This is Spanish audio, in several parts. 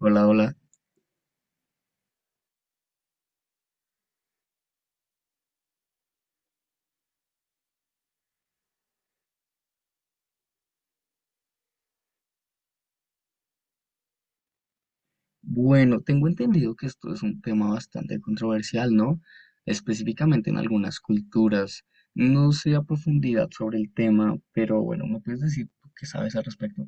Hola, hola. Bueno, tengo entendido que esto es un tema bastante controversial, ¿no? Específicamente en algunas culturas. No sé a profundidad sobre el tema, pero bueno, ¿me puedes decir tú qué sabes al respecto?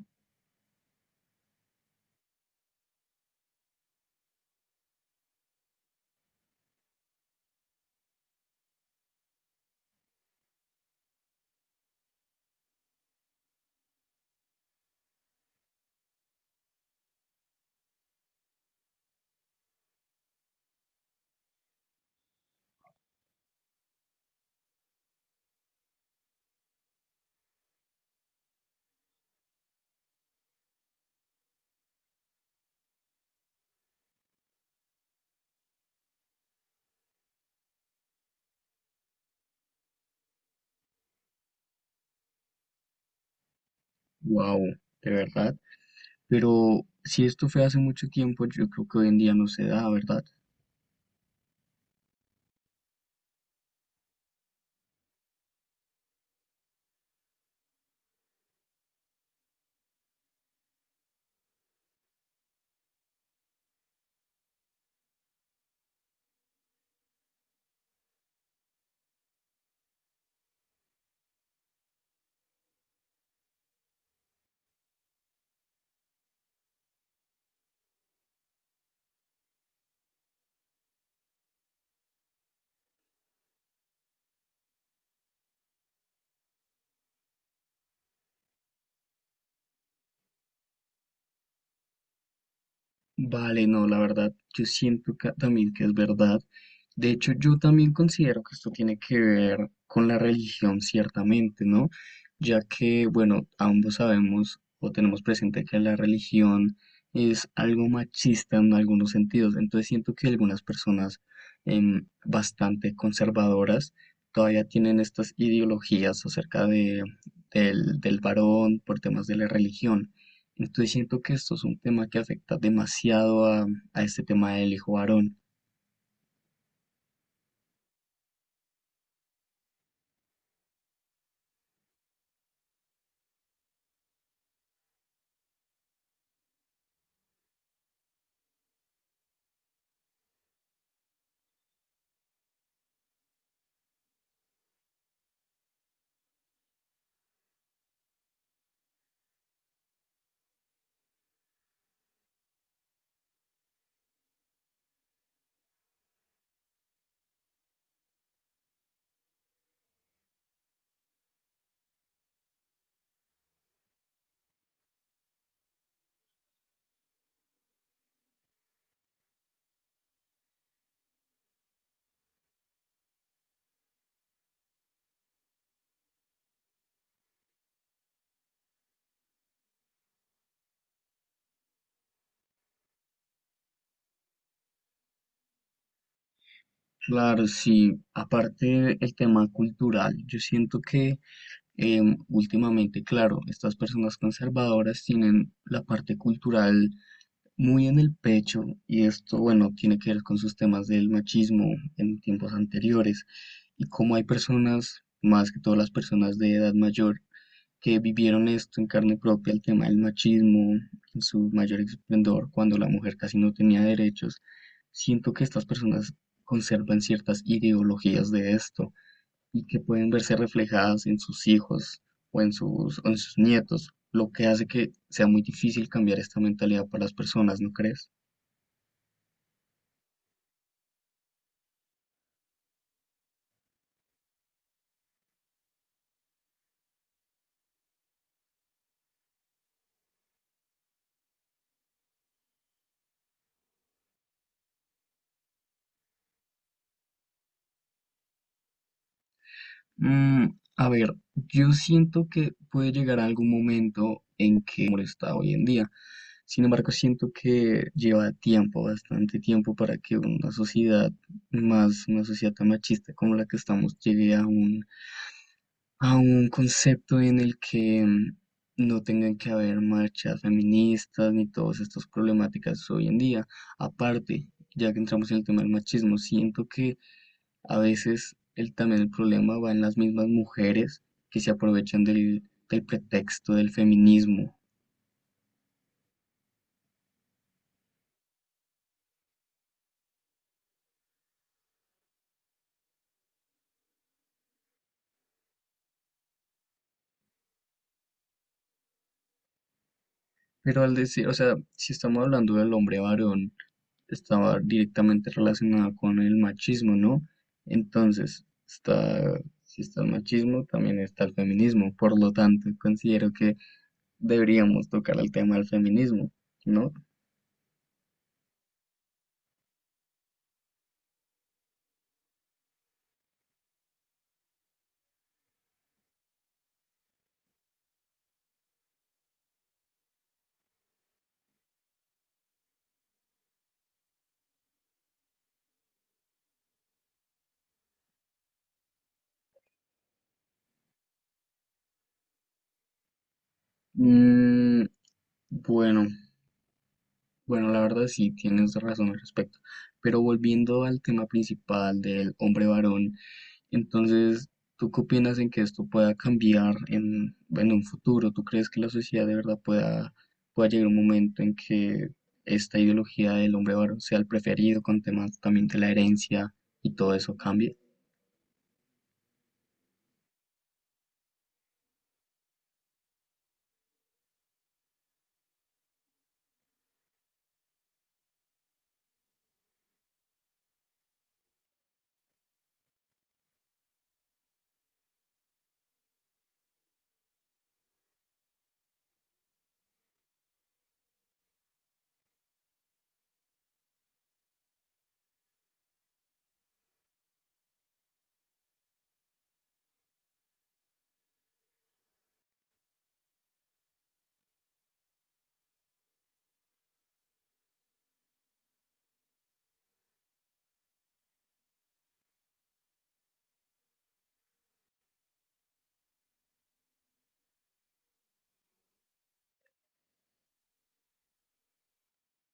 Wow, de verdad. Pero si esto fue hace mucho tiempo, yo creo que hoy en día no se da, ¿verdad? Vale, no, la verdad, yo siento también que es verdad. De hecho, yo también considero que esto tiene que ver con la religión, ciertamente, ¿no? Ya que, bueno, ambos sabemos o tenemos presente que la religión es algo machista en algunos sentidos. Entonces siento que algunas personas bastante conservadoras todavía tienen estas ideologías acerca del varón por temas de la religión. Entonces siento que esto es un tema que afecta demasiado a este tema del hijo varón. Claro, sí, aparte el tema cultural, yo siento que últimamente, claro, estas personas conservadoras tienen la parte cultural muy en el pecho y esto, bueno, tiene que ver con sus temas del machismo en tiempos anteriores y cómo hay personas, más que todas las personas de edad mayor, que vivieron esto en carne propia, el tema del machismo en su mayor esplendor, cuando la mujer casi no tenía derechos, siento que estas personas conservan ciertas ideologías de esto y que pueden verse reflejadas en sus hijos o en o en sus nietos, lo que hace que sea muy difícil cambiar esta mentalidad para las personas, ¿no crees? Mm, a ver, yo siento que puede llegar algún momento en que molesta hoy en día. Sin embargo, siento que lleva tiempo, bastante tiempo, para que una sociedad una sociedad tan machista como la que estamos, llegue a a un concepto en el que no tengan que haber marchas feministas ni todas estas problemáticas hoy en día. Aparte, ya que entramos en el tema del machismo, siento que a veces también el problema va en las mismas mujeres que se aprovechan del pretexto del feminismo. Pero al decir, o sea, si estamos hablando del hombre varón, estaba directamente relacionada con el machismo, ¿no? Entonces, si está el machismo, también está el feminismo. Por lo tanto, considero que deberíamos tocar el tema del feminismo, ¿no? Mm, bueno, Bueno, la verdad sí, tienes razón al respecto. Pero volviendo al tema principal del hombre varón, entonces, ¿tú qué opinas en que esto pueda cambiar en un futuro? ¿Tú crees que la sociedad de verdad pueda llegar un momento en que esta ideología del hombre varón sea el preferido con temas también de la herencia y todo eso cambie?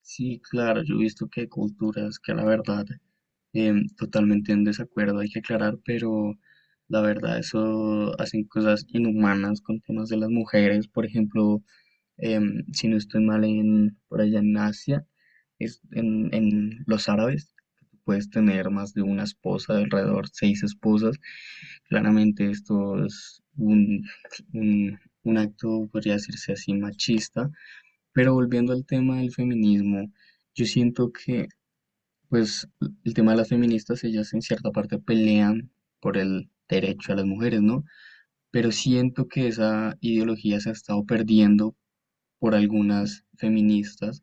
Sí, claro, yo he visto que hay culturas que la verdad totalmente en desacuerdo, hay que aclarar, pero la verdad eso hacen cosas inhumanas con temas de las mujeres, por ejemplo, si no estoy mal por allá en Asia, es en los árabes, puedes tener más de una esposa, de alrededor seis esposas, claramente esto es un, un acto, podría decirse así, machista. Pero volviendo al tema del feminismo, yo siento pues, el tema de las feministas, ellas en cierta parte pelean por el derecho a las mujeres, ¿no? Pero siento que esa ideología se ha estado perdiendo por algunas feministas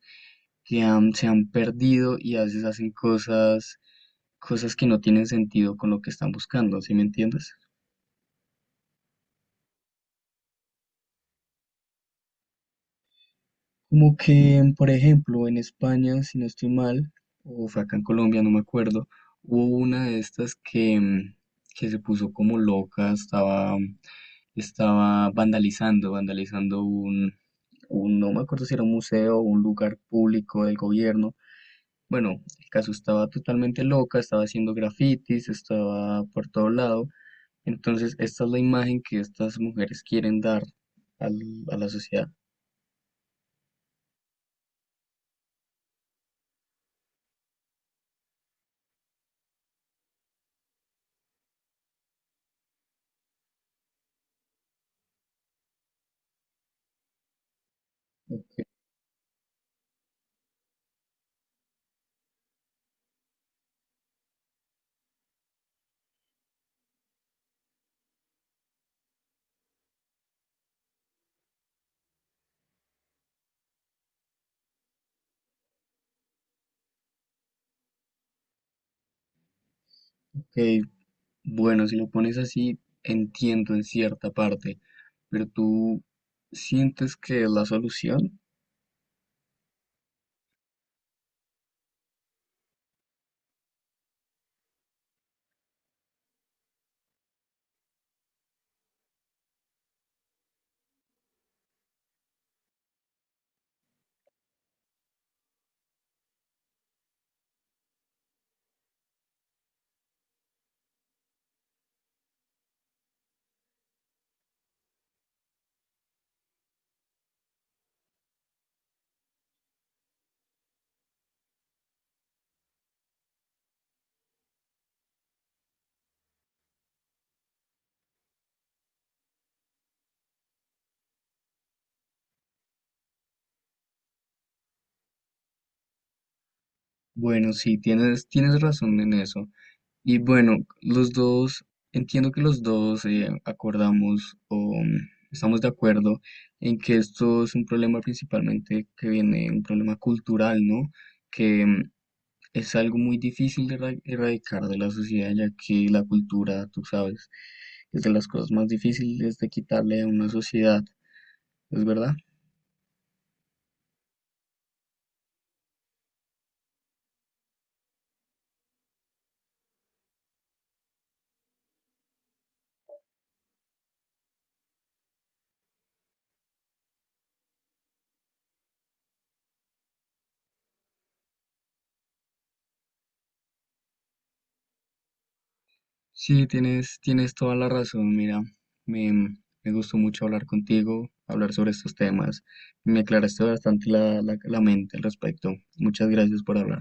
que se han perdido y a veces hacen cosas que no tienen sentido con lo que están buscando, ¿sí me entiendes? Como que, por ejemplo, en España, si no estoy mal, o fue acá en Colombia, no me acuerdo, hubo una de estas que, que se puso como loca, estaba vandalizando un, no me acuerdo si era un museo o un lugar público del gobierno. Bueno, el caso estaba totalmente loca, estaba haciendo grafitis, estaba por todo lado. Entonces, esta es la imagen que estas mujeres quieren dar a la sociedad. Ok, bueno, si lo pones así, entiendo en cierta parte, pero tú sientes que es la solución. Bueno, sí, tienes razón en eso. Y bueno, los dos, entiendo que los dos acordamos o estamos de acuerdo en que esto es un problema principalmente que viene, un problema cultural, ¿no? Que es algo muy difícil de erradicar de la sociedad, ya que la cultura, tú sabes, es de las cosas más difíciles de quitarle a una sociedad, ¿es verdad? Sí, tienes toda la razón, mira, me, me gustó mucho hablar contigo, hablar sobre estos temas, me aclaraste bastante la mente al respecto, muchas gracias por hablar.